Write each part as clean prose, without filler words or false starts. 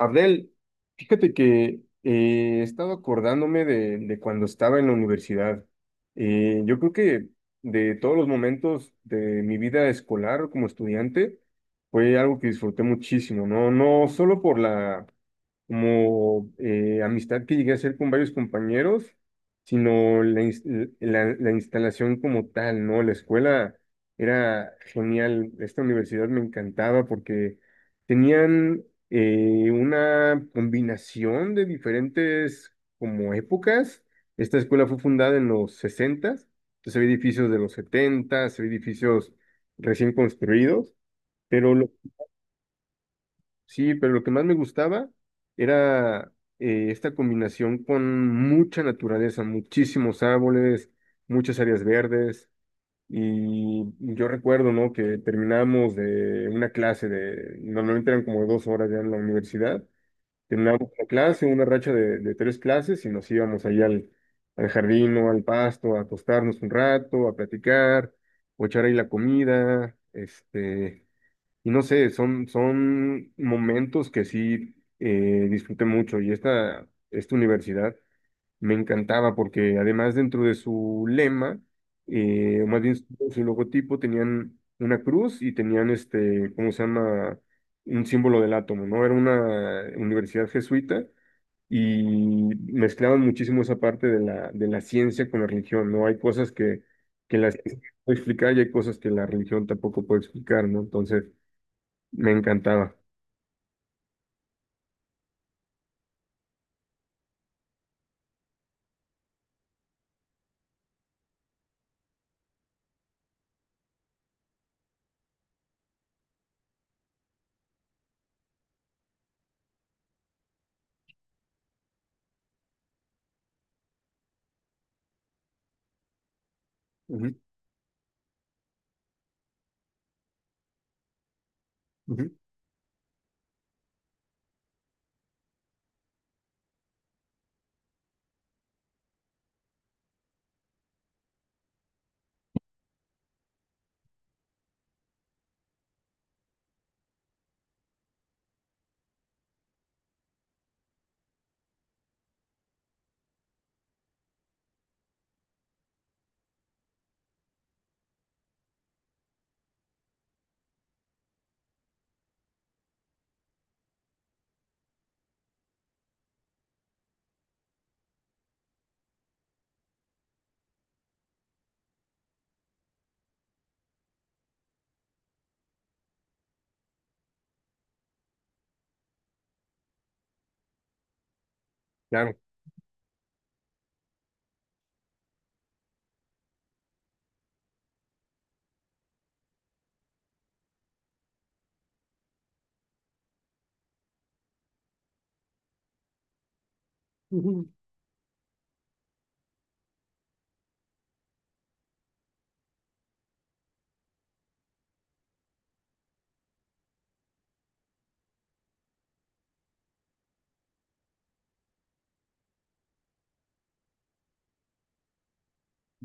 Abdel, fíjate que he estado acordándome de cuando estaba en la universidad. Yo creo que de todos los momentos de mi vida escolar como estudiante fue algo que disfruté muchísimo, ¿no? No solo por como amistad que llegué a hacer con varios compañeros, sino la instalación como tal, ¿no? La escuela era genial, esta universidad me encantaba porque tenían una combinación de diferentes como épocas. Esta escuela fue fundada en los sesentas, entonces había edificios de los setentas, había edificios recién construidos. Pero lo sí, pero lo que más me gustaba era esta combinación con mucha naturaleza, muchísimos árboles, muchas áreas verdes. Y yo recuerdo, ¿no? Que terminamos de una clase de, normalmente eran como dos horas ya en la universidad, terminábamos una clase, una racha de tres clases y nos íbamos ahí al, al jardín o al pasto a acostarnos un rato, a platicar, o echar ahí la comida, este y no sé, son momentos que sí disfruté mucho. Y esta universidad me encantaba porque además dentro de su lema, o más bien su, su logotipo, tenían una cruz y tenían este, ¿cómo se llama? Un símbolo del átomo, ¿no? Era una universidad jesuita y mezclaban muchísimo esa parte de de la ciencia con la religión, ¿no? Hay cosas que la ciencia no puede explicar y hay cosas que la religión tampoco puede explicar, ¿no? Entonces, me encantaba. Ujú, ujú, claro.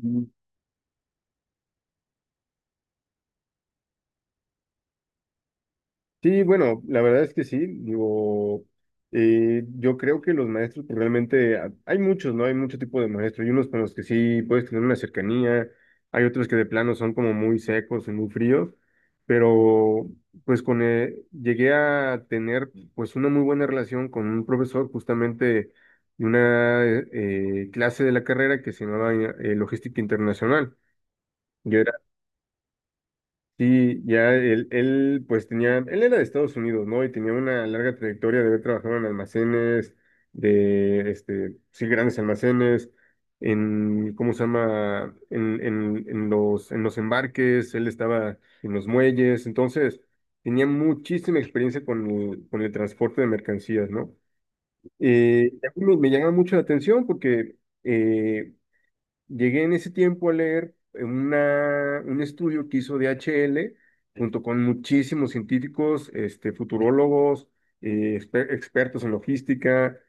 Mm, sí, bueno, la verdad es que sí. Digo, yo creo que los maestros pues, realmente, hay muchos, ¿no? Hay mucho tipo de maestros. Hay unos con los que sí puedes tener una cercanía, hay otros que de plano son como muy secos y muy fríos, pero pues con, llegué a tener pues una muy buena relación con un profesor justamente de una clase de la carrera que se llamaba Logística Internacional. Sí, ya él, pues tenía, él era de Estados Unidos, ¿no? Y tenía una larga trayectoria de haber trabajado en almacenes, de, este, sí, grandes almacenes, en, ¿cómo se llama? En los embarques, él estaba en los muelles, entonces tenía muchísima experiencia con con el transporte de mercancías, ¿no? Y a mí me llama mucho la atención porque, eh, llegué en ese tiempo a leer un estudio que hizo DHL junto con muchísimos científicos, este, futurólogos, expertos en logística,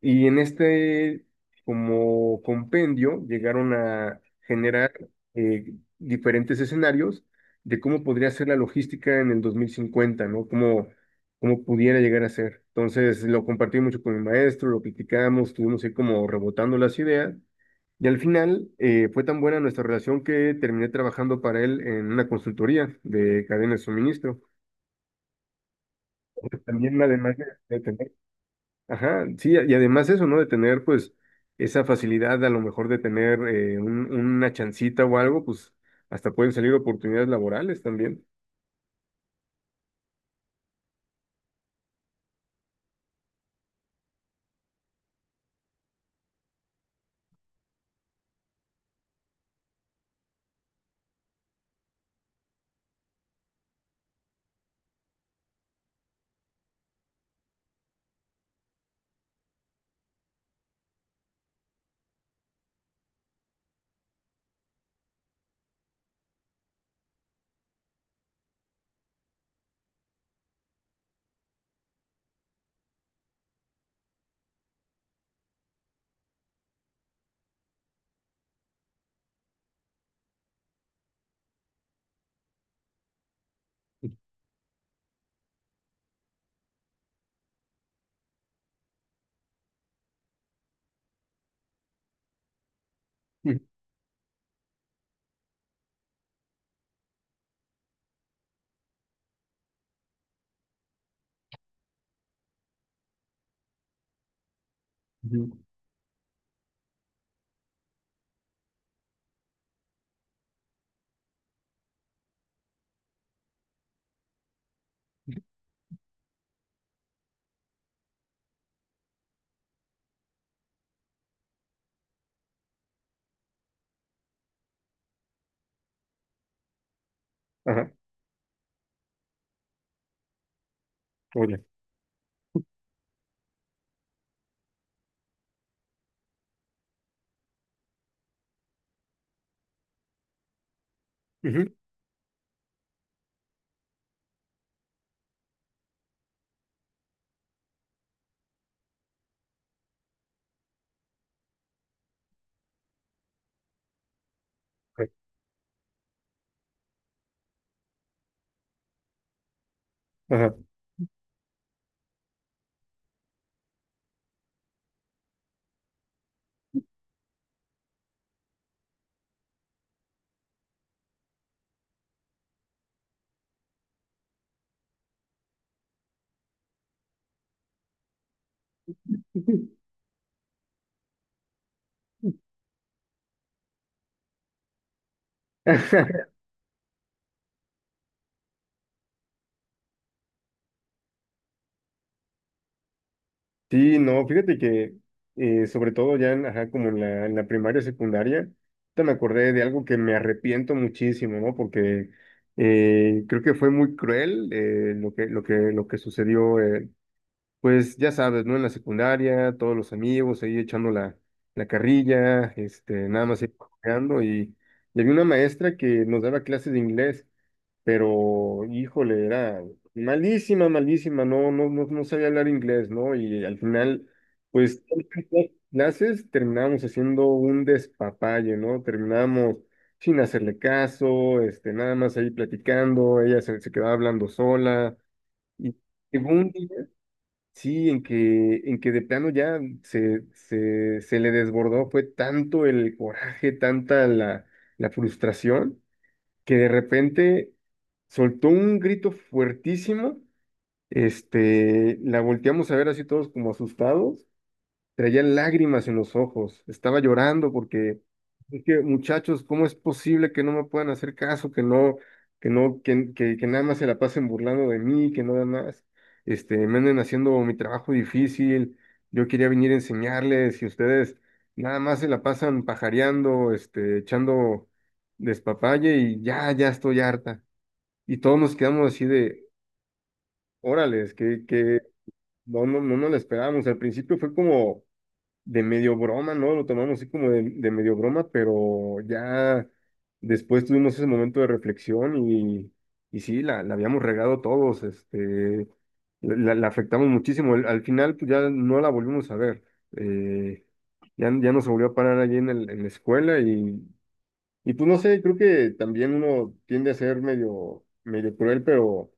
y en este como compendio llegaron a generar eh, diferentes escenarios de cómo podría ser la logística en el 2050, ¿no? Cómo, cómo pudiera llegar a ser. Entonces lo compartí mucho con mi maestro, lo platicamos, estuvimos ahí como rebotando las ideas. Y al final fue tan buena nuestra relación que terminé trabajando para él en una consultoría de cadena de suministro. También además de tener, ajá, sí, y además eso, ¿no? De tener pues esa facilidad a lo mejor de tener una chancita o algo, pues hasta pueden salir oportunidades laborales también. Ujú. Ajá, oye. Ujú. Ajá. Sí, no, fíjate que sobre todo ya en, ajá, como en en la primaria, secundaria, ahorita me acordé de algo que me arrepiento muchísimo, ¿no? Porque creo que fue muy cruel lo lo que sucedió, pues ya sabes, ¿no? En la secundaria, todos los amigos ahí echando la carrilla, este, nada más ahí cotorreando, y había una maestra que nos daba clases de inglés, pero híjole, era malísima, malísima, no, no, no, no sabía hablar inglés, ¿no? Y al final, pues, clases terminábamos haciendo un despapalle, ¿no? Terminábamos sin hacerle caso, este, nada más ahí platicando, se quedaba hablando sola, y llegó un día, sí, en que de plano ya se le desbordó, fue tanto el coraje, tanta la frustración que de repente soltó un grito fuertísimo, este, la volteamos a ver así todos como asustados. Traía lágrimas en los ojos, estaba llorando porque es que, muchachos, ¿cómo es posible que no me puedan hacer caso, que no, que no, que nada más se la pasen burlando de mí, que nada más, este, me anden haciendo mi trabajo difícil, yo quería venir a enseñarles y ustedes nada más se la pasan pajareando, este, echando despapalle y ya, ya estoy harta. Y todos nos quedamos así de, órales, que no nos la esperábamos. Al principio fue como de medio broma, ¿no? Lo tomamos así como de medio broma, pero ya después tuvimos ese momento de reflexión y sí, la habíamos regado todos, este, la afectamos muchísimo. Al final, pues ya no la volvimos a ver. eh, ya nos volvió a parar allí en en la escuela y pues no sé, creo que también uno tiende a ser medio, medio cruel, pero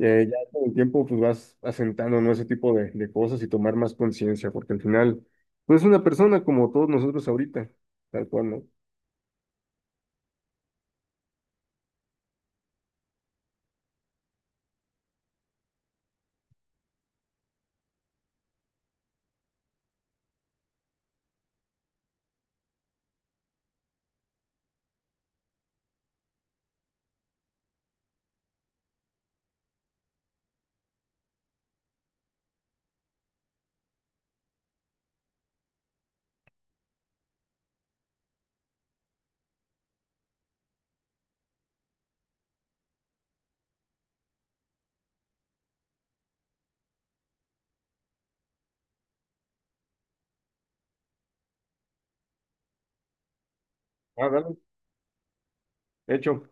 ya con el tiempo pues vas asentando, ¿no? Ese tipo de cosas y tomar más conciencia, porque al final, pues es una persona como todos nosotros ahorita, tal cual, ¿no? Ah, dale, hecho.